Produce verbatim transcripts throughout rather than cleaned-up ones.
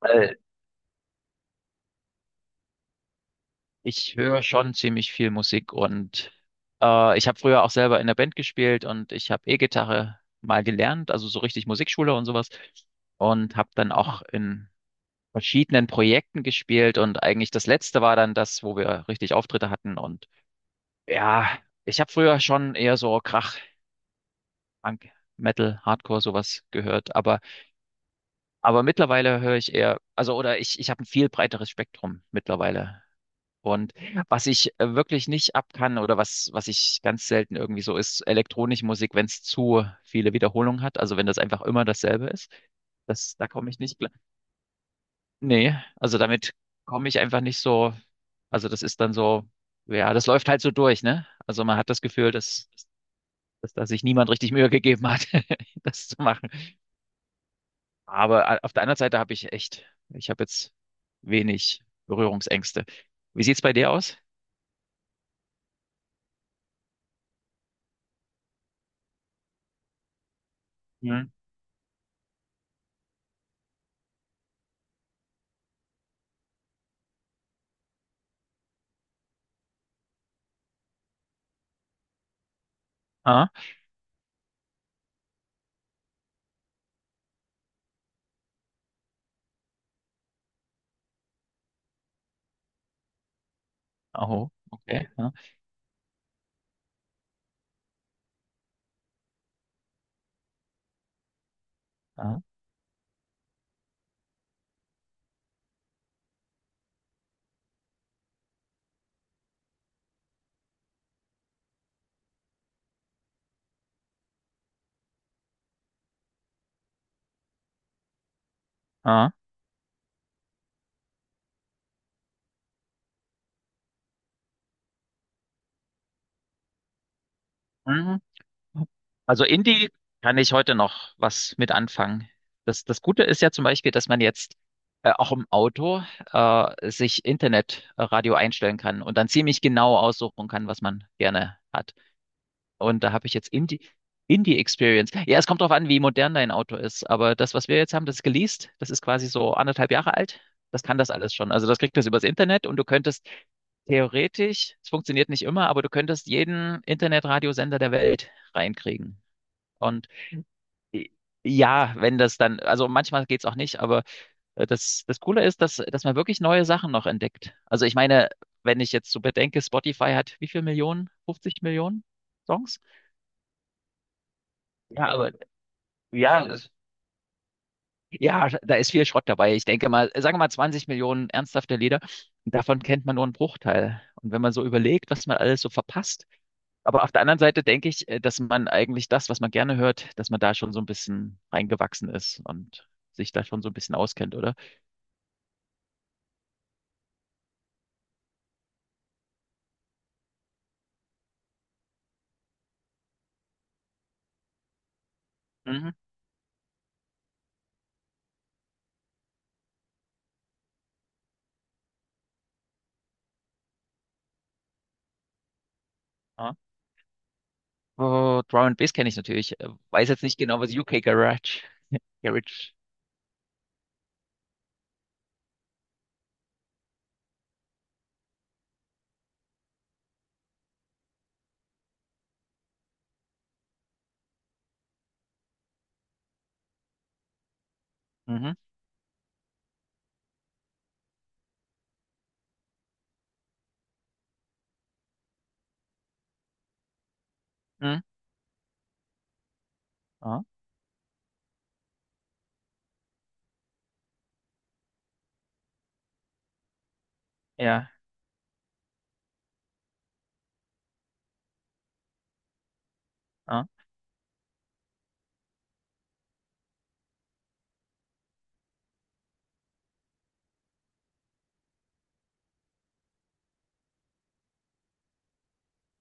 Weil ich höre schon ziemlich viel Musik und äh, ich habe früher auch selber in der Band gespielt und ich habe E-Gitarre mal gelernt, also so richtig Musikschule und sowas und habe dann auch in verschiedenen Projekten gespielt und eigentlich das letzte war dann das, wo wir richtig Auftritte hatten und ja, ich habe früher schon eher so Krach, Punk, Metal, Hardcore sowas gehört, aber aber mittlerweile höre ich eher, also oder ich ich habe ein viel breiteres Spektrum mittlerweile. Und was ich äh, wirklich nicht ab kann oder was, was ich ganz selten irgendwie so ist, elektronische Musik, wenn es zu viele Wiederholungen hat, also wenn das einfach immer dasselbe ist, das, da komme ich nicht klar. Nee, also damit komme ich einfach nicht so, also das ist dann so, ja, das läuft halt so durch, ne? Also man hat das Gefühl, dass, dass da sich niemand richtig Mühe gegeben hat, das zu machen. Aber a- auf der anderen Seite habe ich echt, ich habe jetzt wenig Berührungsängste. Wie sieht's bei dir aus? Mhm. Oh, okay. Ja, ja, ja. Mhm. Also Indie kann ich heute noch was mit anfangen. Das, das Gute ist ja zum Beispiel, dass man jetzt äh, auch im Auto äh, sich Internetradio einstellen kann und dann ziemlich genau aussuchen kann, was man gerne hat. Und da habe ich jetzt Indie, Indie Experience. Ja, es kommt drauf an, wie modern dein Auto ist. Aber das, was wir jetzt haben, das ist geleast. Das ist quasi so anderthalb Jahre alt. Das kann das alles schon. Also das kriegt das übers Internet und du könntest theoretisch, es funktioniert nicht immer, aber du könntest jeden Internetradiosender der Welt reinkriegen. Und i- ja, wenn das dann, also manchmal geht's auch nicht, aber äh, das, das Coole ist, dass, dass man wirklich neue Sachen noch entdeckt. Also ich meine, wenn ich jetzt so bedenke, Spotify hat wie viel Millionen? fünfzig Millionen Songs? Ja, aber Ja, es- ja, da ist viel Schrott dabei. Ich denke mal, sagen wir mal zwanzig Millionen ernsthafte Lieder, davon kennt man nur einen Bruchteil. Und wenn man so überlegt, was man alles so verpasst, aber auf der anderen Seite denke ich, äh, dass man eigentlich das, was man gerne hört, dass man da schon so ein bisschen reingewachsen ist und sich da schon so ein bisschen auskennt, oder? Mhm. Ja. Oh, Drum and Bass kenne ich natürlich. Äh, Weiß jetzt nicht genau, was U K Garage, Garage. Mhm. Mhm. Ja, ja, ja.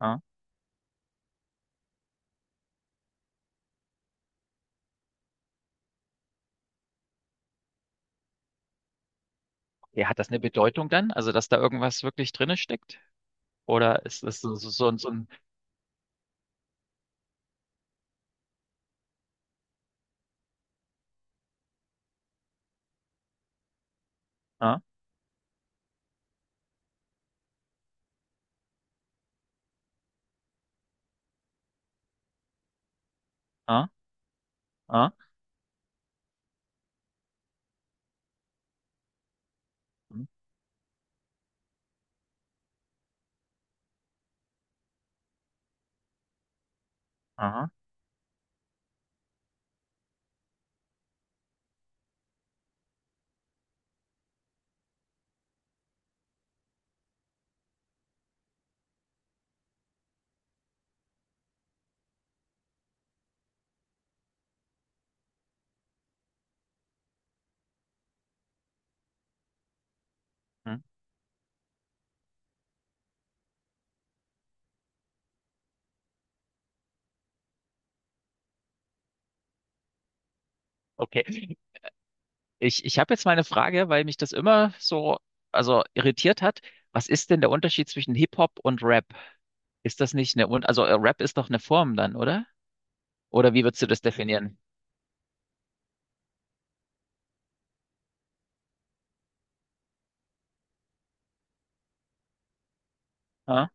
Ja. Ja, hat das eine Bedeutung dann? Also, dass da irgendwas wirklich drinne steckt? Oder ist es so, so, so, ein- so ein. Ah, ah, ah, hm, aha, hm, okay. Ich, ich habe jetzt meine Frage, weil mich das immer so, also irritiert hat. Was ist denn der Unterschied zwischen Hip-Hop und Rap? Ist das nicht eine, Un- also äh, Rap ist doch eine Form dann, oder? Oder wie würdest du das definieren? Ah,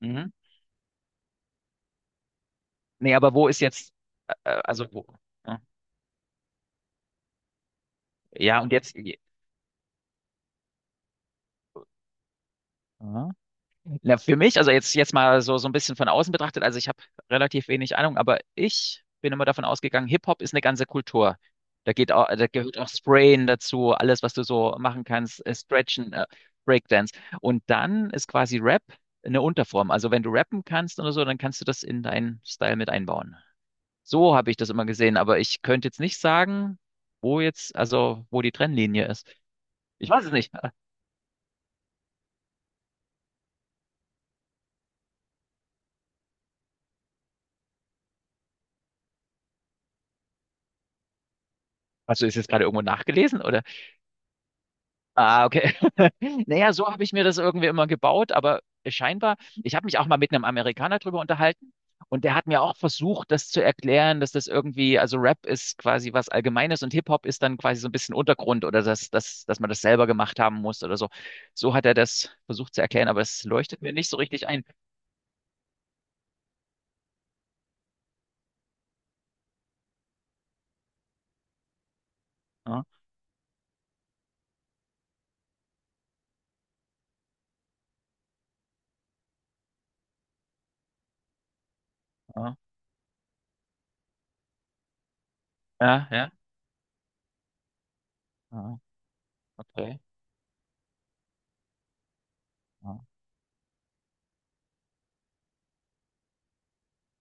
mhm. Nee, aber wo ist jetzt, äh, äh, also wo? Ah, ja, und jetzt. Ja. Na, für mich, also jetzt, jetzt mal so, so ein bisschen von außen betrachtet, also ich habe relativ wenig Ahnung, aber ich bin immer davon ausgegangen, Hip-Hop ist eine ganze Kultur. Da geht auch, da gehört auch Sprayen dazu, alles, was du so machen kannst, äh, Stretchen, äh, Breakdance. Und dann ist quasi Rap eine Unterform. Also wenn du rappen kannst oder so, dann kannst du das in deinen Style mit einbauen. So habe ich das immer gesehen, aber ich könnte jetzt nicht sagen, wo jetzt, also wo die Trennlinie ist. Ich weiß es nicht. Hast du es jetzt gerade irgendwo nachgelesen? Ah, okay. Naja, so habe ich mir das irgendwie immer gebaut, aber scheinbar, ich habe mich auch mal mit einem Amerikaner drüber unterhalten und der hat mir auch versucht, das zu erklären, dass das irgendwie, also Rap ist quasi was Allgemeines und Hip-Hop ist dann quasi so ein bisschen Untergrund oder dass, dass, dass man das selber gemacht haben muss oder so. So hat er das versucht zu erklären, aber es leuchtet mir nicht so richtig ein. Ja, ja, ja, ja, ja, okay. Ja.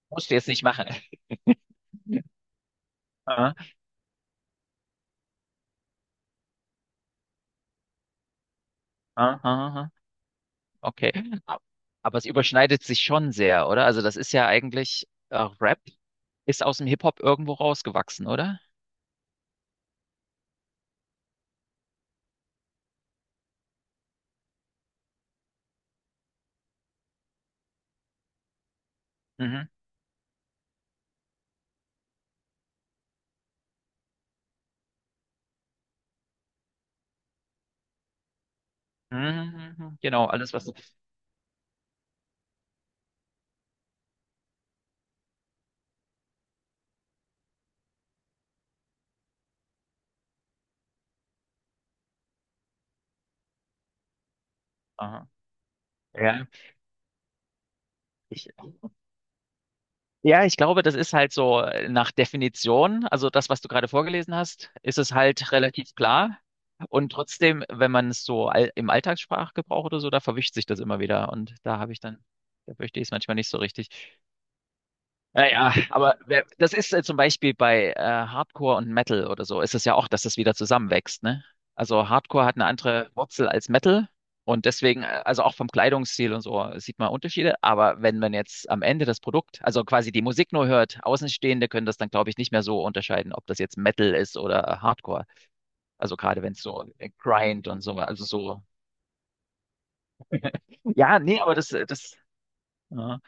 Musst du jetzt nicht machen. Ja, ja, ja, ja. Okay. Ab- Aber es überschneidet sich schon sehr, oder? Also das ist ja eigentlich, äh, Rap ist aus dem Hip-Hop irgendwo rausgewachsen, oder? Mhm. Mhm. Genau, alles was. Aha. Ja, ich, ja, ich glaube, das ist halt so äh, nach Definition, also das, was du gerade vorgelesen hast, ist es halt relativ klar. Und trotzdem, wenn man es so all, im Alltagssprachgebrauch oder so, da verwischt sich das immer wieder. Und da habe ich dann, da verstehe ich es manchmal nicht so richtig. Naja, aber wer- das ist äh, zum Beispiel bei äh, Hardcore und Metal oder so, ist es ja auch, dass das wieder zusammenwächst, ne? Also Hardcore hat eine andere Wurzel als Metal und deswegen, äh, also auch vom Kleidungsstil und so, sieht man Unterschiede. Aber wenn man jetzt am Ende das Produkt, also quasi die Musik nur hört, Außenstehende können das dann, glaube ich, nicht mehr so unterscheiden, ob das jetzt Metal ist oder Hardcore. Also gerade wenn es so äh, Grind und so, also so. Ja, nee, aber das, äh, das. Ja.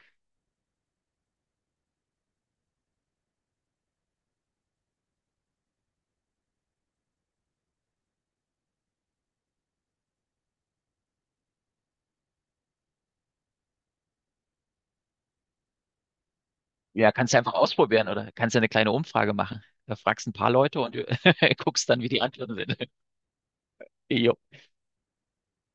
Ja, kannst du einfach ausprobieren oder kannst du eine kleine Umfrage machen. Da fragst ein paar Leute und guckst dann, wie die Antworten sind. Jo.